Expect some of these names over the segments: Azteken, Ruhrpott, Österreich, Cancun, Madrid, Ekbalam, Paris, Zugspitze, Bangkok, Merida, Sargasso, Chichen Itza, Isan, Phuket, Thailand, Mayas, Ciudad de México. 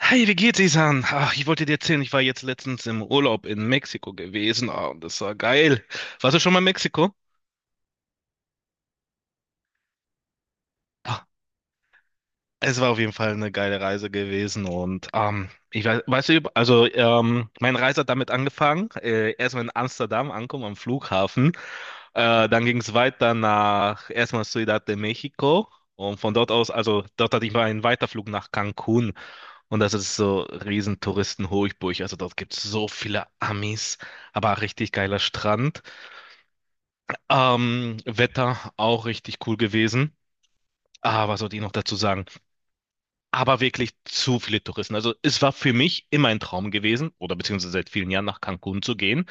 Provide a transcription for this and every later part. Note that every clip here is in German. Hi, wie geht's, Isan? Ach, ich wollte dir erzählen, ich war jetzt letztens im Urlaub in Mexiko gewesen. Und das war geil. Warst du schon mal in Mexiko? Ah, Es war auf jeden Fall eine geile Reise gewesen. Und ich weiß, weißt du, also meine Reise hat damit angefangen. Erstmal in Amsterdam ankommen am Flughafen. Dann ging es weiter nach erstmal Ciudad de México. Und von dort aus, also dort hatte ich mal einen Weiterflug nach Cancun. Und das ist so riesen Touristen-Hochburg. Also dort gibt es so viele Amis, aber auch richtig geiler Strand. Wetter auch richtig cool gewesen. Was sollte ich noch dazu sagen? Aber wirklich zu viele Touristen. Also es war für mich immer ein Traum gewesen, oder beziehungsweise seit vielen Jahren nach Cancun zu gehen.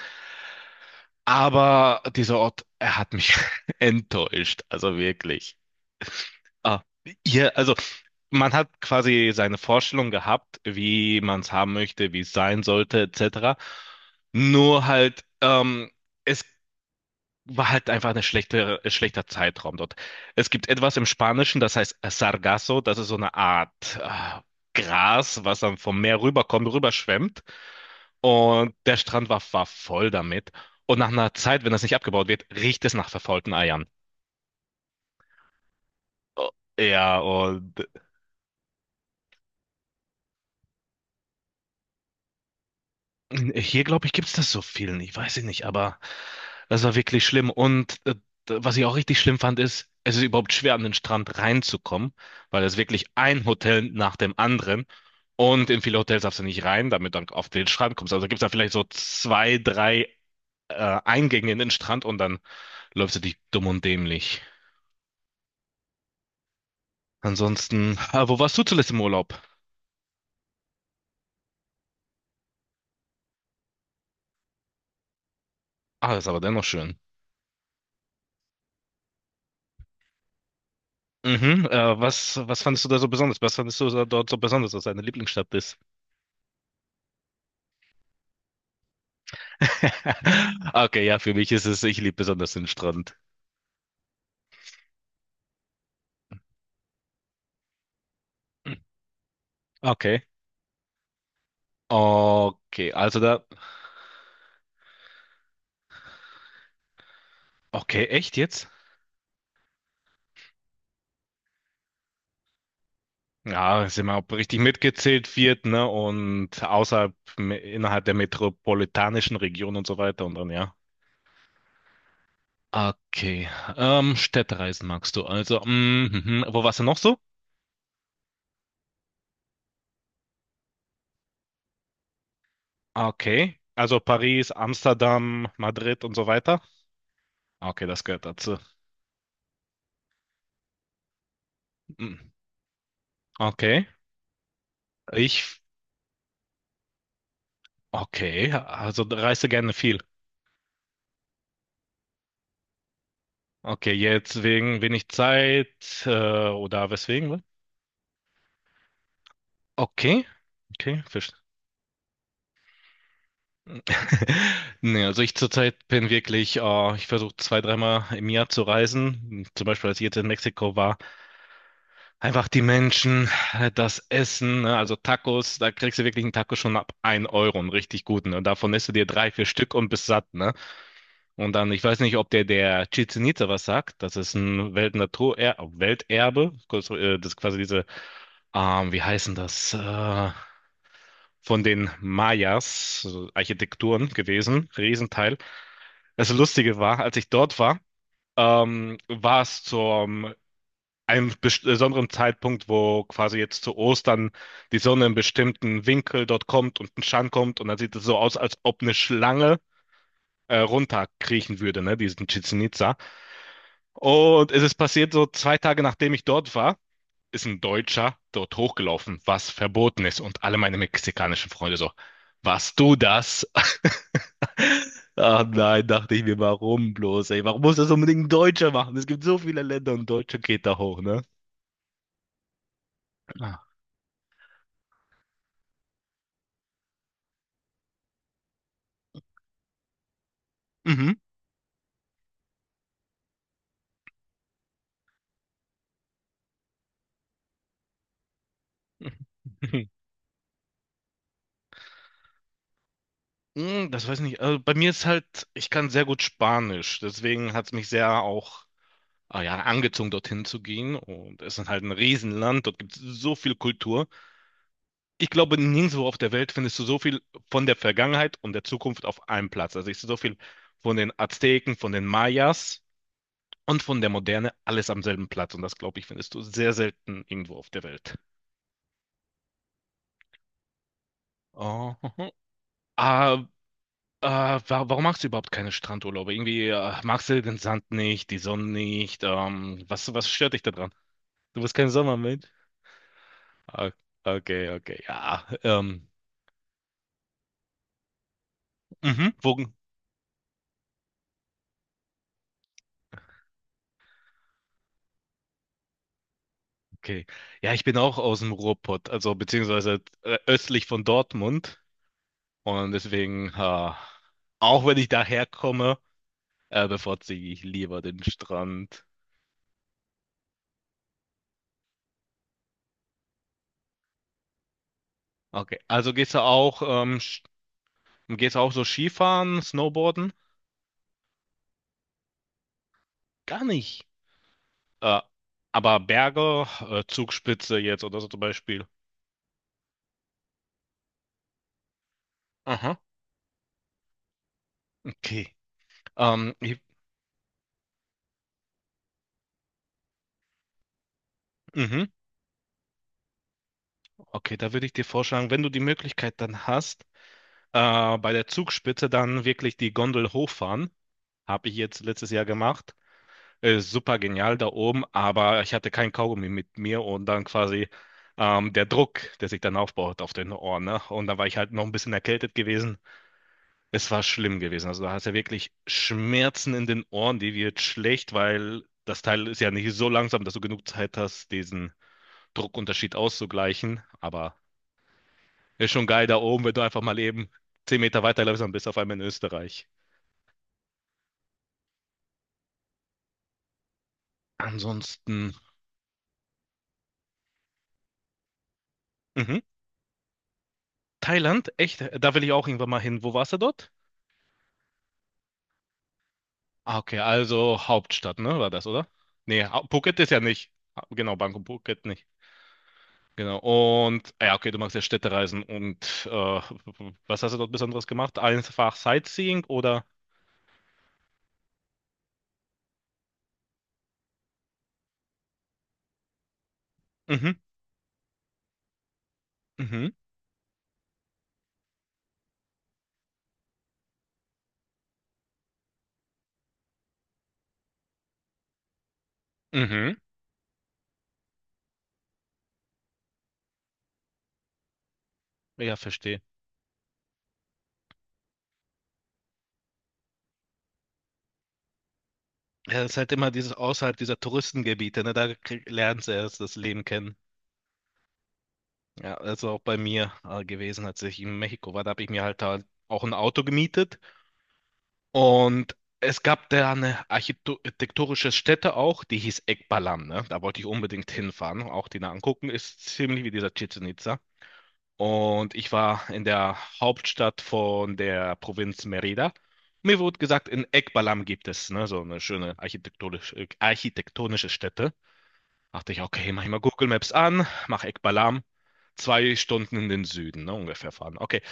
Aber dieser Ort, er hat mich enttäuscht. Also wirklich. Ah, Hier, also man hat quasi seine Vorstellung gehabt, wie man es haben möchte, wie es sein sollte, etc. Nur halt, es war halt einfach eine schlechte, schlechter Zeitraum dort. Es gibt etwas im Spanischen, das heißt Sargasso, das ist so eine Art Gras, was dann vom Meer rüberkommt, rüberschwemmt. Und der Strand war voll damit. Und nach einer Zeit, wenn das nicht abgebaut wird, riecht es nach verfaulten Eiern. Oh, ja, und hier, glaube ich, gibt es das so viel nicht. Weiß ich nicht, aber das war wirklich schlimm. Und was ich auch richtig schlimm fand, ist, es ist überhaupt schwer, an den Strand reinzukommen, weil es wirklich ein Hotel nach dem anderen. Und in viele Hotels darfst du nicht rein, damit du dann auf den Strand kommst. Also gibt es da vielleicht so zwei, drei Eingänge in den Strand und dann läufst du dich dumm und dämlich. Ansonsten, wo warst du zuletzt im Urlaub? Ah, ist aber dennoch schön. Mhm, was fandest du da so besonders? Was fandest du da dort so besonders, dass deine Lieblingsstadt ist? Okay, ja, für mich ist es, ich liebe besonders den Strand. Okay. Okay, also da, okay, echt jetzt? Ja, sind wir auch richtig mitgezählt, wird, ne? Und außerhalb, innerhalb der metropolitanischen Region und so weiter und dann, ja. Okay, Städtereisen magst du. Also, mm, mhm. Wo warst du noch so? Okay, also Paris, Amsterdam, Madrid und so weiter. Okay, das gehört dazu. Mm. Okay, ich, okay, also reiste gerne viel. Okay, jetzt wegen wenig Zeit äh, oder weswegen? Was? Okay, okay, verstehe. Nee, also ich zurzeit bin wirklich, ich versuche zwei, dreimal im Jahr zu reisen. Zum Beispiel, als ich jetzt in Mexiko war, einfach die Menschen, das Essen, ne? Also Tacos, da kriegst du wirklich einen Taco schon ab ein Euro, einen richtig guten. Und davon isst du dir drei, vier Stück und bist satt, ne? Und dann, ich weiß nicht, ob der Chichen Itza was sagt. Das ist ein Weltnatur Welterbe, kurz, das ist quasi diese wie heißen das? Von den Mayas, also Architekturen gewesen, Riesenteil. Das Lustige war, als ich dort war, war es zum einem besonderen Zeitpunkt, wo quasi jetzt zu Ostern die Sonne in bestimmten Winkel dort kommt und ein Schatten kommt und dann sieht es so aus, als ob eine Schlange runterkriechen würde, ne, diesen Chichen Itza. Und es ist passiert so zwei Tage nachdem ich dort war. Ist ein Deutscher dort hochgelaufen, was verboten ist. Und alle meine mexikanischen Freunde so, warst du das? Ach nein, dachte ich mir, warum bloß, ey? Warum muss das unbedingt ein Deutscher machen? Es gibt so viele Länder und Deutsche geht da hoch, ne? Ah. Mhm. Hm, das weiß ich nicht. Also bei mir ist halt, ich kann sehr gut Spanisch, deswegen hat es mich sehr auch ah ja, angezogen, dorthin zu gehen. Und es ist halt ein Riesenland, dort gibt es so viel Kultur. Ich glaube, nirgendwo auf der Welt findest du so viel von der Vergangenheit und der Zukunft auf einem Platz. Also ich sehe so viel von den Azteken, von den Mayas und von der Moderne, alles am selben Platz. Und das, glaube ich, findest du sehr selten irgendwo auf der Welt. Oh. Ah, ah, warum machst du überhaupt keine Strandurlaube? Irgendwie, magst du den Sand nicht, die Sonne nicht? Was stört dich daran? Du bist kein Sommermensch. Ah, Okay, okay, ja. Mhm. Wo, okay. Ja, ich bin auch aus dem Ruhrpott, also beziehungsweise östlich von Dortmund. Und deswegen, ha, auch wenn ich daherkomme, bevorzuge ich lieber den Strand. Okay, also gehst du auch, gehst du auch so Skifahren, Snowboarden? Gar nicht. Äh, aber Berge, Zugspitze jetzt oder so zum Beispiel. Aha, okay. Ähm, ich, mhm, okay, da würde ich dir vorschlagen, wenn du die Möglichkeit dann hast, bei der Zugspitze dann wirklich die Gondel hochfahren. Habe ich jetzt letztes Jahr gemacht. Super genial da oben, aber ich hatte kein Kaugummi mit mir und dann quasi der Druck, der sich dann aufbaut auf den Ohren, ne? Und dann war ich halt noch ein bisschen erkältet gewesen. Es war schlimm gewesen. Also da hast du ja wirklich Schmerzen in den Ohren, die wird schlecht, weil das Teil ist ja nicht so langsam, dass du genug Zeit hast, diesen Druckunterschied auszugleichen. Aber ist schon geil da oben, wenn du einfach mal eben 10 Meter weiterläufst, dann bist du auf einmal in Österreich. Ansonsten, mhm. Thailand, echt, da will ich auch irgendwann mal hin. Wo warst du dort? Ah, okay, also Hauptstadt, ne, war das, oder? Nee, Phuket ist ja nicht. Ah, genau, Bangkok, Phuket nicht. Genau, und, ah ja, okay, du magst ja Städtereisen und äh, was hast du dort Besonderes gemacht? Einfach Sightseeing oder? Mhm, mhm, mhm. Ja, verstehe. Ja, es ist halt immer dieses außerhalb dieser Touristengebiete, ne, da lernst du erst das Leben kennen. Ja, also auch bei mir gewesen, als ich in Mexiko war, da habe ich mir halt auch ein Auto gemietet. Und es gab da eine architektonische Stätte auch, die hieß Ekbalam, ne? Da wollte ich unbedingt hinfahren, auch die da angucken. Ist ziemlich wie dieser Chichén Itzá. Und ich war in der Hauptstadt von der Provinz Merida. Mir wurde gesagt, in Ekbalam gibt es, ne, so eine schöne architektonische Stätte. Dachte ich, okay, mach ich mal Google Maps an, mach Ekbalam, 2 Stunden in den Süden, ne, ungefähr fahren. Okay,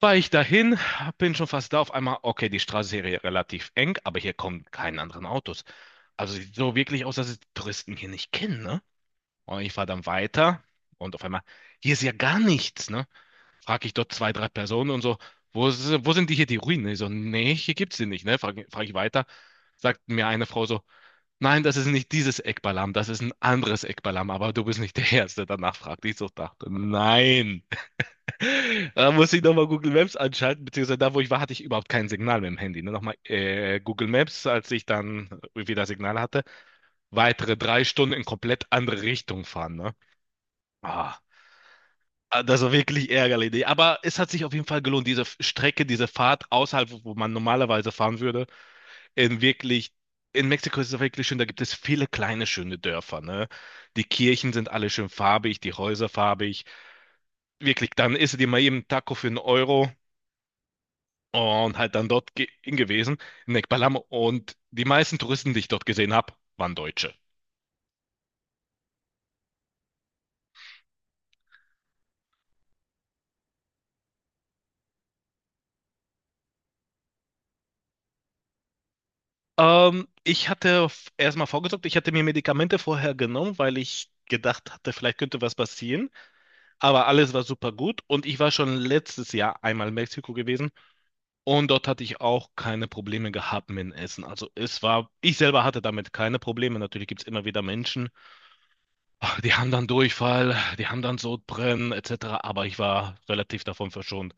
war ich dahin, bin schon fast da. Auf einmal, okay, die Straße ist hier relativ eng, aber hier kommen keine anderen Autos. Also sieht so wirklich aus, dass es die Touristen hier nicht kennen, ne? Und ich fahre dann weiter und auf einmal, hier ist ja gar nichts, ne? Frag ich dort zwei, drei Personen und so, wo sind die hier, die Ruinen? Ich so, nee, hier gibt's sie nicht, ne? Frag ich weiter, sagt mir eine Frau so, nein, das ist nicht dieses Ekbalam, das ist ein anderes Ekbalam, aber du bist nicht der Erste. Danach fragte ich so, dachte, nein. Da musste ich nochmal Google Maps anschalten, beziehungsweise da, wo ich war, hatte ich überhaupt kein Signal mit dem Handy. Ne? Nochmal Google Maps, als ich dann wieder Signal hatte, weitere 3 Stunden in komplett andere Richtung fahren. Ne? Ah, das war wirklich ärgerlich. Nee, aber es hat sich auf jeden Fall gelohnt, diese Strecke, diese Fahrt außerhalb, wo man normalerweise fahren würde, in wirklich. In Mexiko ist es wirklich schön, da gibt es viele kleine schöne Dörfer, ne? Die Kirchen sind alle schön farbig, die Häuser farbig. Wirklich, dann isst du dir mal eben einen Taco für einen Euro und halt dann dort ge gewesen, in Ekbalam. Und die meisten Touristen, die ich dort gesehen habe, waren Deutsche. Ich hatte erstmal vorgesorgt, ich hatte mir Medikamente vorher genommen, weil ich gedacht hatte, vielleicht könnte was passieren. Aber alles war super gut und ich war schon letztes Jahr einmal in Mexiko gewesen und dort hatte ich auch keine Probleme gehabt mit dem Essen. Also es war, ich selber hatte damit keine Probleme. Natürlich gibt es immer wieder Menschen, die haben dann Durchfall, die haben dann Sodbrennen etc. Aber ich war relativ davon verschont.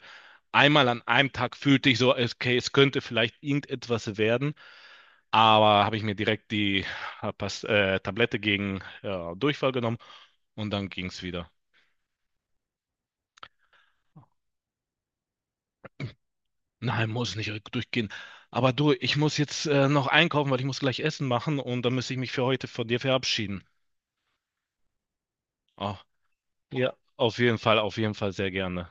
Einmal an einem Tag fühlte ich so, okay, es könnte vielleicht irgendetwas werden, aber habe ich mir direkt die äh, Tablette gegen Durchfall genommen und dann ging es wieder. Nein, muss nicht durchgehen. Aber du, ich muss jetzt noch einkaufen, weil ich muss gleich Essen machen und dann muss ich mich für heute von dir verabschieden. Oh, ja, auf jeden Fall sehr gerne.